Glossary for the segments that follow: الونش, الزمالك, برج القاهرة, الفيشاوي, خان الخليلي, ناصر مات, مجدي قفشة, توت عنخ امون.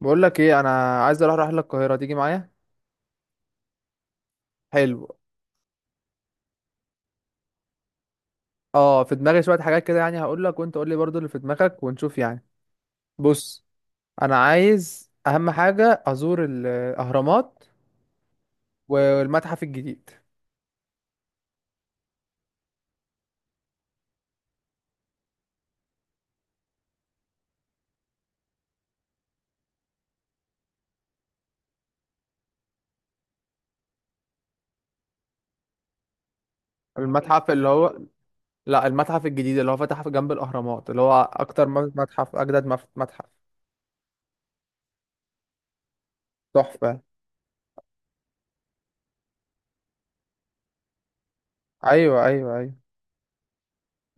بقول لك ايه، انا عايز اروح رحله القاهره، تيجي معايا؟ حلو. اه، في دماغي شويه حاجات كده يعني، هقول لك وانت قول لي برضو اللي في دماغك ونشوف يعني. بص، انا عايز اهم حاجه ازور الاهرامات والمتحف الجديد. المتحف اللي هو، لا المتحف الجديد اللي هو فتح في جنب الاهرامات، اللي هو اكتر متحف اجدد، متحف تحفه. ايوه، ايوه، ايوه.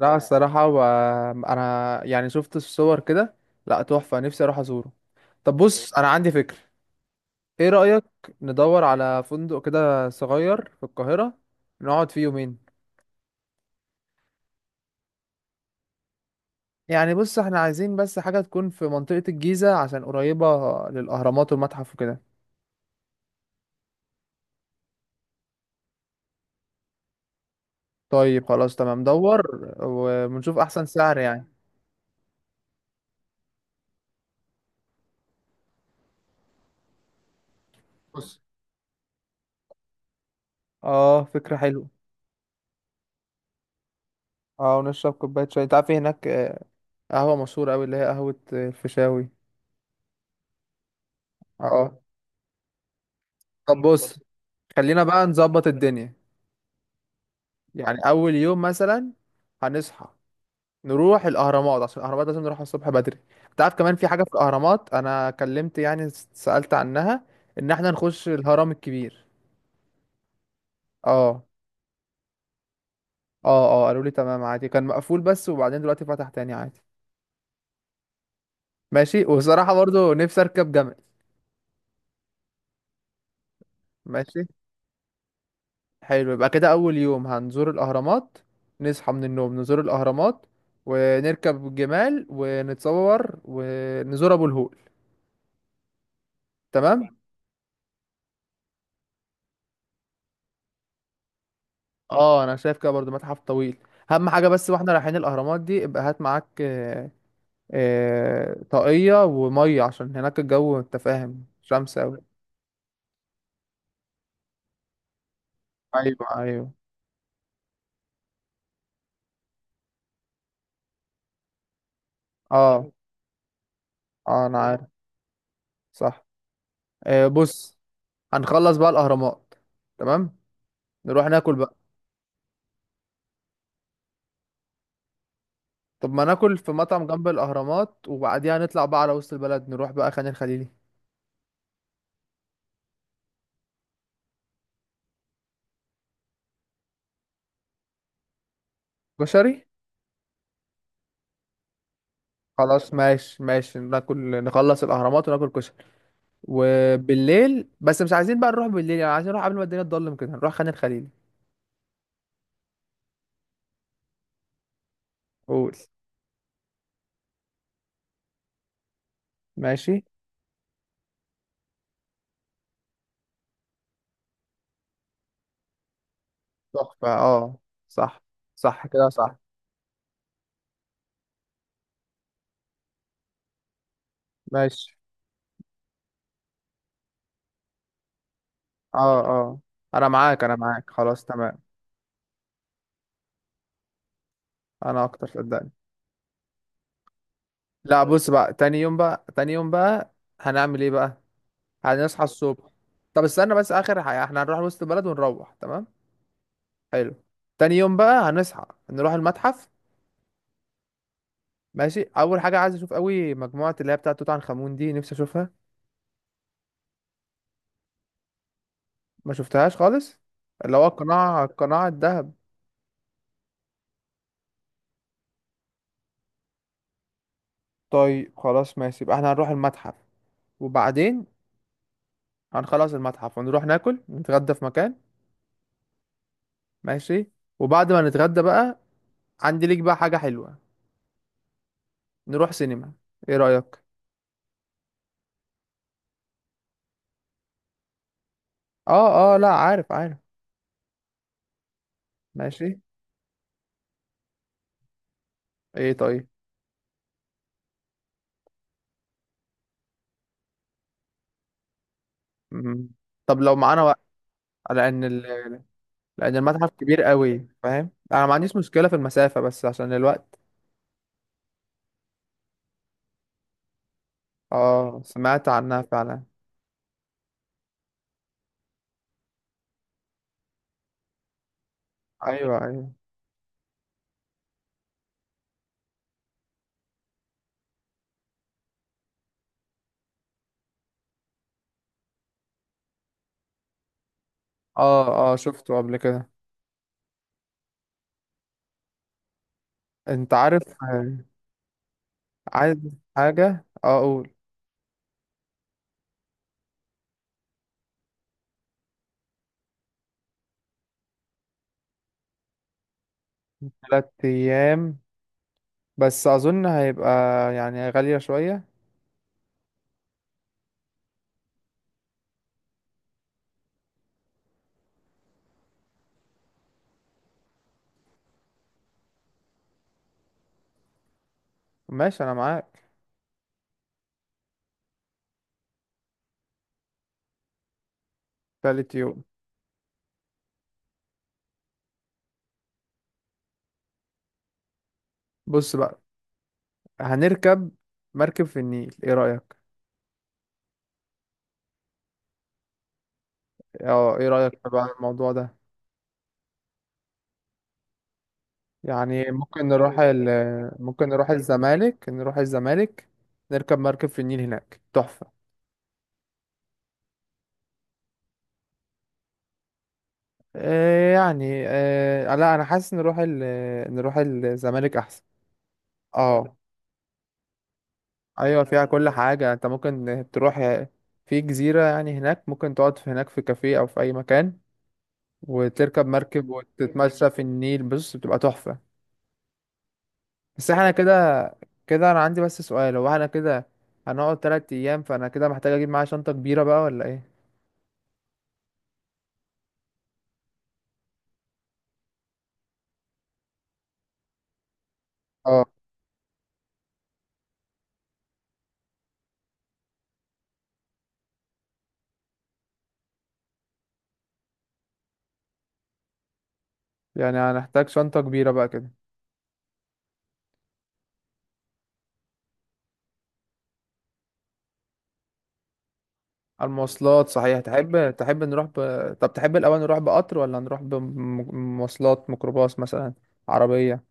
لا الصراحه، انا يعني شفت الصور كده، لا تحفه نفسي اروح ازوره. طب بص، انا عندي فكره. ايه رأيك ندور على فندق كده صغير في القاهرة، نقعد فيه يومين؟ يعني بص، احنا عايزين بس حاجة تكون في منطقة الجيزة عشان قريبة للأهرامات والمتحف وكده. طيب خلاص تمام، دور ونشوف أحسن سعر يعني. بص، اه فكرة حلوة. اه ونشرب كوباية شاي، انت عارف إيه هناك، قهوة مشهورة أوي اللي هي قهوة الفيشاوي. اه. طب بص، خلينا بقى نظبط الدنيا. يعني أول يوم مثلا هنصحى، نروح الاهرامات عشان الاهرامات لازم نروحها الصبح بدري. انت عارف كمان في حاجه في الاهرامات، انا كلمت يعني سالت عنها، ان احنا نخش الهرم الكبير. اه اه، اه قالوا لي تمام عادي، كان مقفول بس وبعدين دلوقتي فتح تاني عادي. ماشي. وصراحه برضو نفسي اركب جمل. ماشي. حلو، يبقى كده اول يوم هنزور الاهرامات، نصحى من النوم نزور الاهرامات ونركب الجمال ونتصور ونزور ابو الهول. تمام. اه انا شايف كده برضو، متحف طويل. اهم حاجه بس واحنا رايحين الاهرامات دي، ابقى هات معاك طاقيه وميه عشان هناك الجو، انت فاهم شمس اوي. ايوه، ايوه. اه اه، انا عارف. صح. بص، هنخلص بقى الاهرامات، تمام، نروح ناكل بقى. طب ما ناكل في مطعم جنب الاهرامات وبعديها نطلع بقى على وسط البلد، نروح بقى خان الخليلي. كشري. خلاص ماشي، ماشي ناكل. نخلص الاهرامات وناكل كشري. وبالليل، بس مش عايزين بقى نروح بالليل يعني، عايزين نروح قبل ما الدنيا تضلم كده، نروح خان الخليلي. قول. ماشي. تحفة. اه، صح. صح كده، صح. ماشي. اه اه، انا معاك، انا معاك، خلاص تمام. انا اكتر، صدقني. لا بص بقى، تاني يوم بقى، تاني يوم بقى هنعمل ايه بقى؟ هنصحى الصبح. طب استنى بس، اخر حاجة احنا هنروح وسط البلد ونروح تمام. حلو. تاني يوم بقى هنصحى، نروح المتحف. ماشي. اول حاجة عايز اشوف قوي مجموعة اللي هي بتاعة توت عنخ امون دي، نفسي اشوفها. ما شفتهاش خالص، اللي هو القناع، قناع الذهب. طيب خلاص ماشي، يبقى احنا هنروح المتحف وبعدين هنخلص المتحف ونروح ناكل، نتغدى في مكان. ماشي. وبعد ما نتغدى بقى، عندي ليك بقى حاجة حلوة، نروح سينما. ايه رأيك؟ اه اه لا، عارف عارف. ماشي. ايه طيب. مم. طب لو معانا وقت. لان ال... لان المتحف كبير قوي، فاهم، انا ما عنديش مشكلة في المسافة بس عشان الوقت. اه سمعت عنها فعلا. ايوه، ايوه. اه اه، شفته قبل كده. انت عارف، عايز حاجة اقول. تلات ايام، بس اظن هيبقى يعني غالية شوية. ماشي، انا معاك. تالت يوم. بص بقى، هنركب مركب في النيل، ايه رأيك؟ اه ايه رأيك بقى على الموضوع ده؟ يعني ممكن ممكن نروح الزمالك، نروح الزمالك، نركب مركب في النيل، هناك تحفة. إيه يعني إيه، لا انا حاسس نروح الزمالك احسن. اه. ايوه فيها كل حاجه انت ممكن تروح في جزيره يعني، هناك ممكن تقعد في هناك في كافيه او في اي مكان وتركب مركب وتتمشى في النيل، بص بتبقى تحفه. بس احنا كده، كده انا عندي بس سؤال، هو احنا كده هنقعد تلات ايام، فانا كده محتاج اجيب معايا شنطه كبيره بقى ولا ايه؟ اه. يعني هنحتاج شنطه كبيره بقى كده. المواصلات، صحيح، تحب طب تحب الاول نروح بقطر ولا نروح بمواصلات، ميكروباص مثلا، عربيه.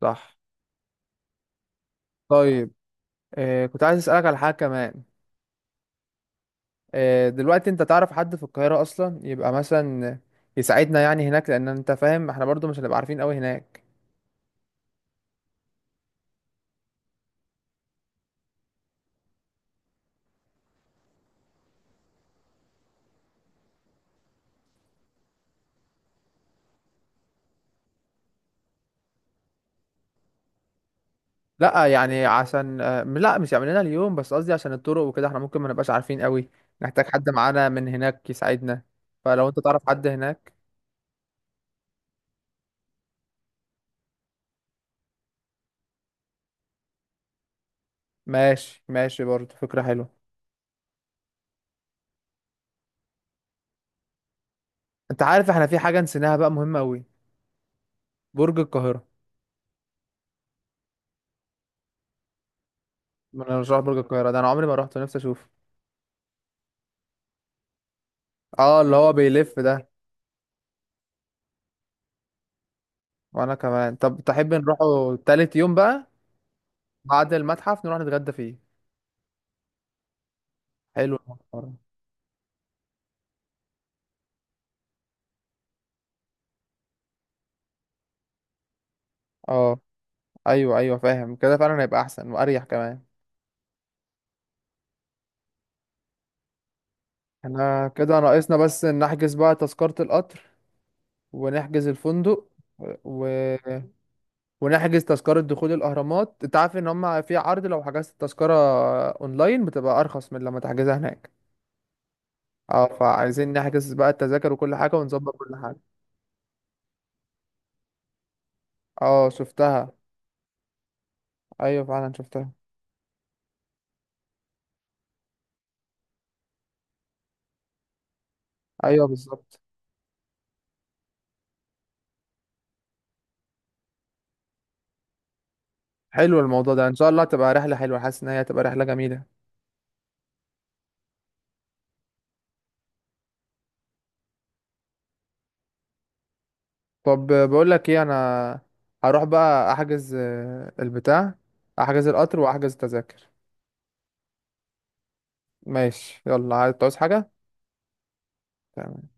صح. طيب آه كنت عايز اسالك على حاجه كمان. آه دلوقتي انت تعرف حد في القاهره اصلا، يبقى مثلا يساعدنا يعني هناك، لان انت فاهم احنا برضو مش هنبقى عارفين قوي هناك. لا يعني عشان آه، لا مش يعمل لنا اليوم، بس قصدي عشان الطرق وكده احنا ممكن ما نبقاش عارفين قوي، نحتاج حد معانا من هناك يساعدنا، فلو انت تعرف حد هناك. ماشي ماشي، برضو فكره حلوه. انت عارف احنا في حاجه نسيناها بقى مهمه قوي، برج القاهره. ما انا مش رايح برج القاهره ده، انا عمري ما رحت، نفسي اشوفه. اه اللي هو بيلف ده. وانا كمان، طب تحب نروحوا تالت يوم بقى؟ بعد المتحف نروح نتغدى فيه. حلو المحترم. اه. ايوه ايوه فاهم، كده فعلا هيبقى احسن واريح كمان. احنا كده ناقصنا بس إن نحجز بقى تذكرة القطر ونحجز الفندق و... ونحجز تذكرة دخول الأهرامات. انت عارف ان هم في عرض لو حجزت التذكرة اونلاين، بتبقى ارخص من لما تحجزها هناك. اه، فعايزين نحجز بقى التذاكر وكل حاجة ونظبط كل حاجة. اه شفتها. ايوه فعلا شفتها. ايوه بالظبط. حلو الموضوع ده، ان شاء الله تبقى رحله حلوه، حاسس ان هي تبقى رحله جميله. طب بقول لك ايه، انا هروح بقى احجز البتاع، احجز القطر واحجز التذاكر. ماشي، يلا عايز تعوز حاجه؟ تمام.